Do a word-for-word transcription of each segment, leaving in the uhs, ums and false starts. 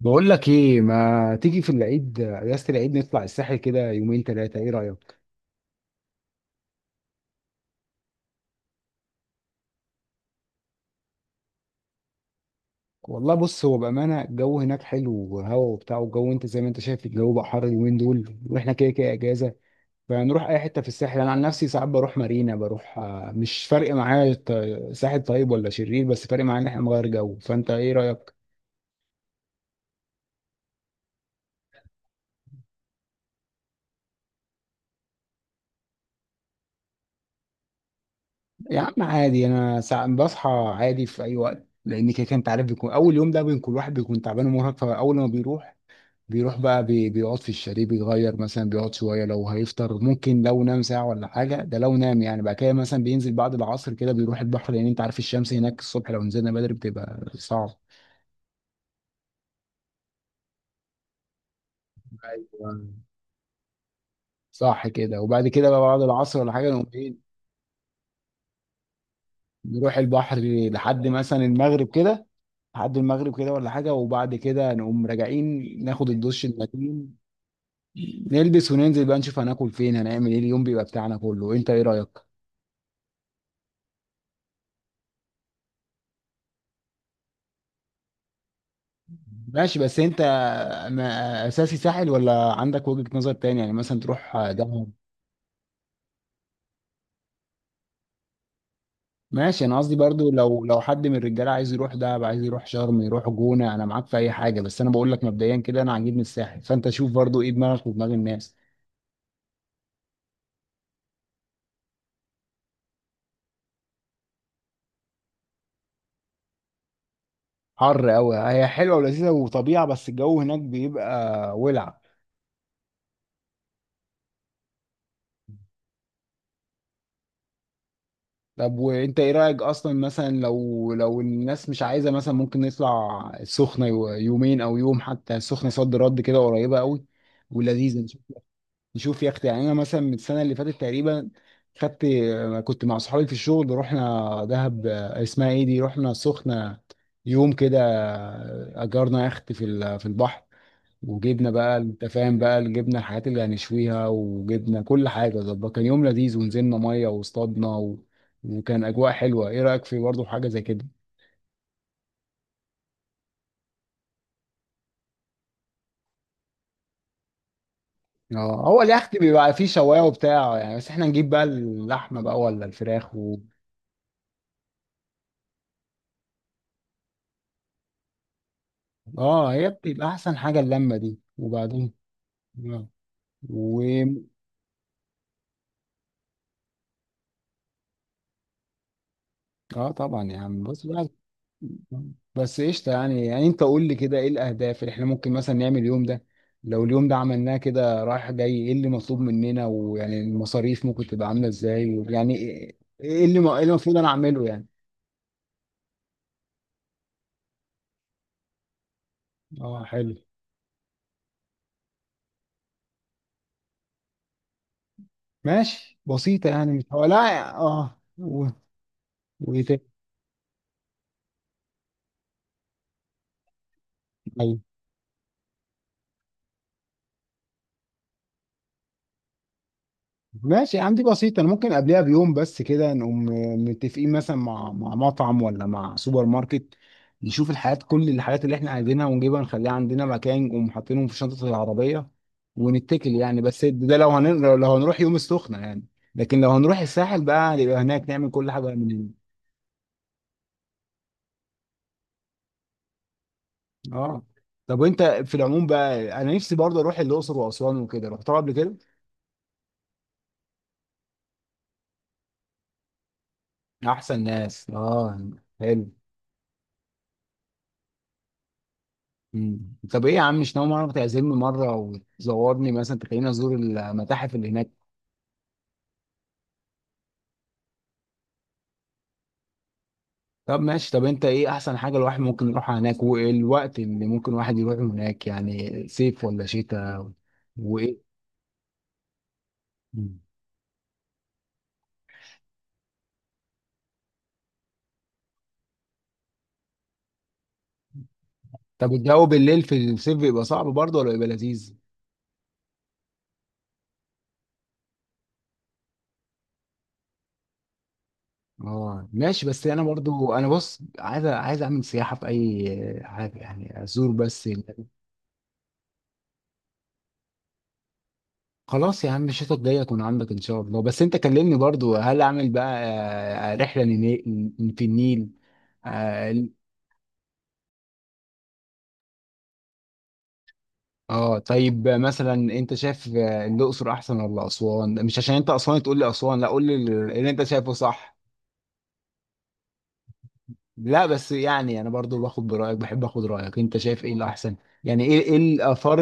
بقول لك ايه، ما تيجي في العيد؟ اجازه العيد نطلع الساحل كده يومين ثلاثه، ايه رايك؟ والله بص، هو بامانه الجو هناك حلو وهوا وبتاع. والجو انت زي ما انت شايف، الجو بقى حر اليومين دول، واحنا كده كده اجازه. فنروح اي حته في الساحل. انا عن نفسي ساعات بروح مارينا، بروح آه، مش فارق معايا الط- ساحل طيب ولا شرير، بس فارق معايا ان احنا نغير جو. فانت ايه رايك؟ يا عم عادي، انا ساعات بصحى عادي في اي وقت، لان كده كده انت عارف بيكون اول يوم ده بيكون الواحد بيكون تعبان ومرهق. فاول ما بيروح بيروح بقى بي... بيقعد في الشاليه، بيتغير مثلا، بيقعد شويه، لو هيفطر ممكن، لو نام ساعه ولا حاجه ده لو نام يعني. بعد كده مثلا بينزل بعد العصر كده بيروح البحر، لان انت عارف الشمس هناك الصبح لو نزلنا بدري بتبقى صعب. ايوه، صح كده. وبعد كده بقى بعد العصر ولا حاجه نقوم ايه، نروح البحر لحد مثلا المغرب كده، لحد المغرب كده ولا حاجه. وبعد كده نقوم راجعين ناخد الدش المتين، نلبس وننزل بقى نشوف هناكل فين، هنعمل ايه. اليوم بيبقى بتاعنا كله، انت ايه رايك؟ ماشي، بس انت ما- اساسي ساحل ولا عندك وجهة نظر تاني، يعني مثلا تروح دهب؟ ماشي، انا قصدي برضو لو لو حد من الرجاله عايز يروح دهب، عايز يروح شرم، يروح جونة، انا معاك في اي حاجة، بس انا بقول لك مبدئيا كده انا عاجبني الساحل. فانت شوف برضو ايه دماغك ودماغ الناس. حر قوي، هي حلوة ولذيذة وطبيعة بس الجو هناك بيبقى ولع. طب وانت ايه رأيك اصلا؟ مثلا لو لو الناس مش عايزة مثلا، ممكن نطلع السخنة يو- يومين او يوم حتى. السخنة صد رد كده، قريبة قوي ولذيذة. نشوف يا اختي يعني. انا مثلا من السنه اللي فاتت تقريبا، خدت، كنت مع صحابي في الشغل، رحنا دهب اسمها ايه دي، رحنا سخنه يوم كده، اجرنا يخت في ال- في البحر، وجبنا بقى، انت فاهم بقى، جبنا الحاجات اللي هنشويها وجبنا كل حاجه ظبط، كان يوم لذيذ. ونزلنا ميه واصطادنا و... وكان اجواء حلوه. ايه رايك في برضه حاجه زي كده؟ اه، هو اليخت بيبقى فيه شوايه وبتاع يعني، بس احنا نجيب بقى اللحمه بقى ولا الفراخ؟ اه، هي بتبقى احسن حاجه اللمه دي، وبعدين. اه. و. اه طبعا يا عم، بص بقى. بس قشطه يعني. يعني انت قول لي كده ايه الاهداف اللي احنا ممكن مثلا نعمل اليوم ده؟ لو اليوم ده عملناه كده رايح جاي، ايه اللي مطلوب مننا؟ ويعني المصاريف ممكن تبقى عامله ازاي؟ ويعني ايه إيه اللي م- إيه اللي المفروض انا اعمله يعني؟ اه حلو. ماشي، بسيطه يعني مش هو لا اه و... وايه تاني. ماشي يا عم، دي بسيطة. أنا ممكن قبلها بيوم بس كده نقوم متفقين مثلا مع مع مطعم ولا مع سوبر ماركت، نشوف الحاجات كل الحاجات اللي إحنا عايزينها ونجيبها نخليها عندنا مكان، نقوم حاطينهم في شنطة العربية ونتكل يعني. بس ده لو هن... لو هنروح يوم السخنة يعني. لكن لو هنروح الساحل بقى نبقى هناك، نعمل كل حاجة من هنا. اه. طب وأنت في العموم بقى، أنا نفسي برضه أروح الأقصر وأسوان وكده. رحتها قبل كده. أحسن ناس، اه، حلو. مم. طب ايه يا عم، مش ناوي مره تعزمني مره وتزورني مثلا، تخليني ازور المتاحف اللي هناك؟ طب ماشي، طب انت ايه احسن حاجه الواحد ممكن يروحها هناك، والوقت اللي ممكن الواحد يروح هناك يعني، صيف ولا شتاء؟ وايه. مم. طب الجو بالليل في الصيف بيبقى صعب برضه ولا بيبقى لذيذ؟ اه ماشي، بس انا برضو انا بص عايز عايز اعمل سياحه في اي حاجه يعني، ازور بس. خلاص يا عم، الشتا الجاي اكون عندك ان شاء الله. بس انت كلمني برضو هل اعمل بقى آه، رحلة للني- في النيل، اه. آه، طيب مثلا انت شايف آه، الاقصر احسن ولا اسوان؟ مش عشان انت اسوان تقول لي اسوان، لا، قول لي ال- اللي انت شايفه صح. لا بس يعني انا برضو باخد برايك، بحب اخد رايك، انت شايف ايه الاحسن يعني، ايه ايه الاثار؟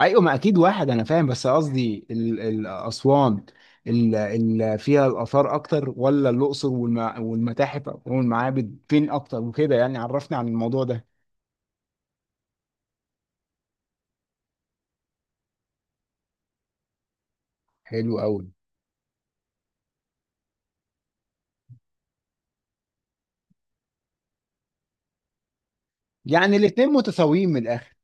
ايوه، ما اكيد واحد. انا فاهم، بس قصدي ال- ال- اسوان اللي فيها الاثار اكتر، ولا الاقصر والم- والمتاحف والمعابد فين اكتر وكده يعني؟ عرفني عن الموضوع ده. حلو قوي. يعني الاتنين متساويين من الاخر؟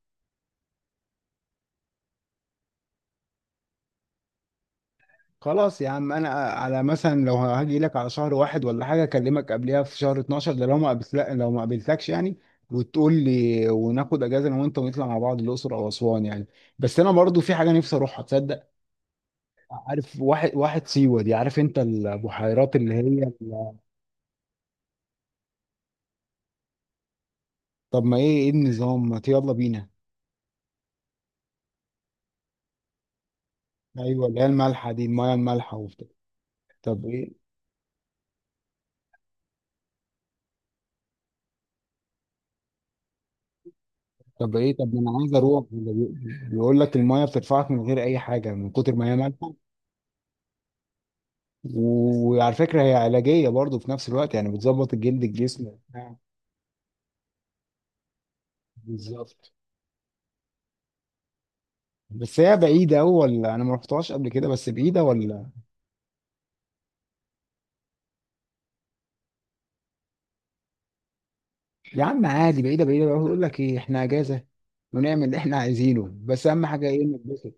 خلاص يا عم، انا على مثلا لو هاجي لك على شهر واحد ولا حاجه، اكلمك قبلها في شهر اتناشر ده لو ما قابلت لو ما قابلتكش يعني، وتقول لي وناخد اجازه انا وانت ونطلع مع بعض الاقصر او اسوان يعني. بس انا برضو في حاجه نفسي اروحها تصدق. عارف واحد واحد سيوة دي، عارف انت البحيرات اللي هي ال- طب ما ايه ايه النظام، ما ت- يلا بينا. ايوه، اللي هي المالحه دي، المايه المالحه وبتاع. طب ايه. طب ايه. طب ما انا عايز اروح. بيقول لك المايه بترفعك من غير اي حاجه من كتر ما هي مالحه. و- وعلى فكره هي علاجيه برضو في نفس الوقت يعني، بتظبط الجلد الجسم وبتاع. بالظوبت. بس هي بعيده أوي ولا؟ انا ما رحتهاش قبل كده، بس بعيده ولا؟ يا عم عادي، بعيده بعيده بقى. يقول لك ايه، احنا اجازه ونعمل اللي احنا عايزينه، بس اهم حاجه ايه، نتبسط.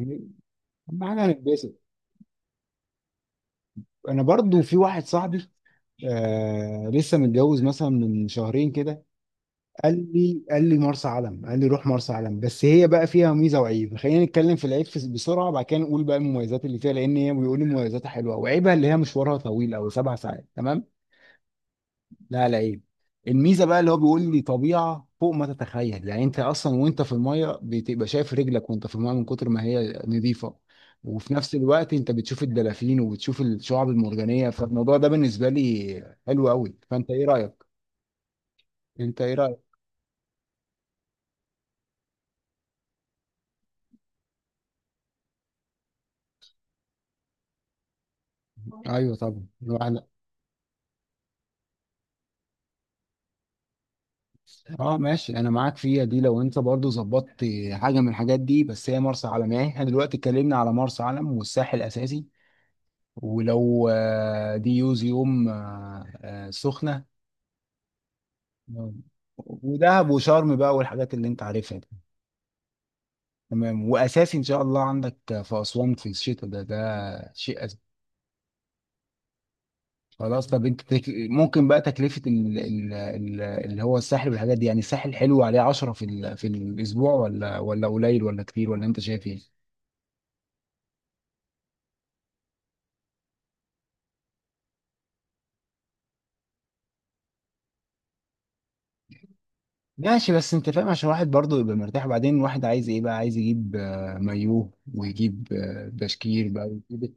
اهم حاجه هنتبسط. انا برضو في واحد صاحبي آه لسه متجوز مثلا من شهرين كده، قال لي قال لي مرسى علم، قال لي روح مرسى علم. بس هي بقى فيها ميزه وعيب. خلينا نتكلم في العيب فس- بسرعه، بعد كده نقول بقى المميزات اللي فيها. لان هي بيقول لي مميزاتها حلوه، وعيبها اللي هي مشوارها طويل، او سبع ساعات، تمام. لا لعيب، الميزه بقى اللي هو بيقول لي طبيعه فوق ما تتخيل يعني. انت اصلا وانت في الميه بتبقى شايف رجلك وانت في الميه من كتر ما هي نظيفه، وفي نفس الوقت انت بتشوف الدلافين وبتشوف الشعاب المرجانيه، فالموضوع ده بالنسبه لي حلو قوي. فانت ايه رايك؟ انت ايه رايك؟ ايوه طبعا الواحد- اه ماشي، انا معاك فيها دي لو انت برضو ظبطت حاجه من الحاجات دي. بس هي مرسى علم يعني، احنا دلوقتي اتكلمنا على مرسى علم والساحل الاساسي، ولو آه، دي يوز يوم آه، آه، سخنه. آه. ودهب وشرم بقى والحاجات اللي انت عارفها دي. تمام. واساسي ان شاء الله عندك في اسوان في الشتاء، ده ده شيء أساسي. خلاص. طب انت تك... ممكن بقى تكلفه ال... ال... ال... اللي هو الساحل والحاجات دي يعني، الساحل حلو عليه عشرة في ال... في الاسبوع؟ ولا ولا قليل ولا كتير، ولا انت شايف ايه؟ ماشي، بس انت فاهم، عشان الواحد برضه يبقى مرتاح، وبعدين الواحد عايز ايه بقى، عايز يجيب آه، مايوه، ويجيب آه، بشكير بقى، ويجيب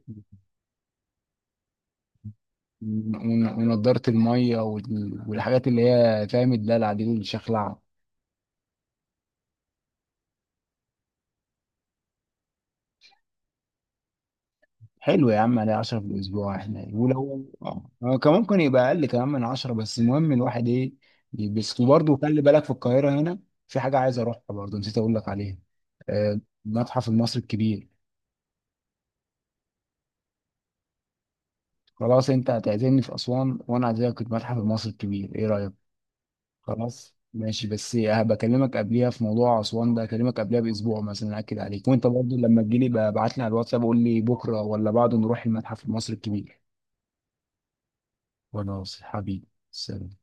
ون- ونضاره الميه وال- والحاجات اللي هي فاهم الدلع دي والشخلعه. حلو يا عم، عليه عشرة آلاف في الاسبوع احنا، ولو اه آه، كان ممكن يبقى اقل كمان من عشرة، بس المهم الواحد ايه، يلبس. وبرضه خلي بالك في القاهره هنا في حاجه عايز اروحها برضه، نسيت اقول لك عليها، آه، المتحف المصري الكبير. خلاص، انت هتعزمني في اسوان وانا اعزمك في المتحف المصري الكبير، ايه رايك؟ خلاص ماشي، بس بكلمك قبليها في موضوع اسوان ده، اكلمك قبليها باسبوع مثلا اكد عليك، وانت برضو لما تجيلي بقى ابعت لي على الواتساب، قول لي بكره ولا بعده نروح المتحف المصري الكبير. خلاص حبيبي، سلام.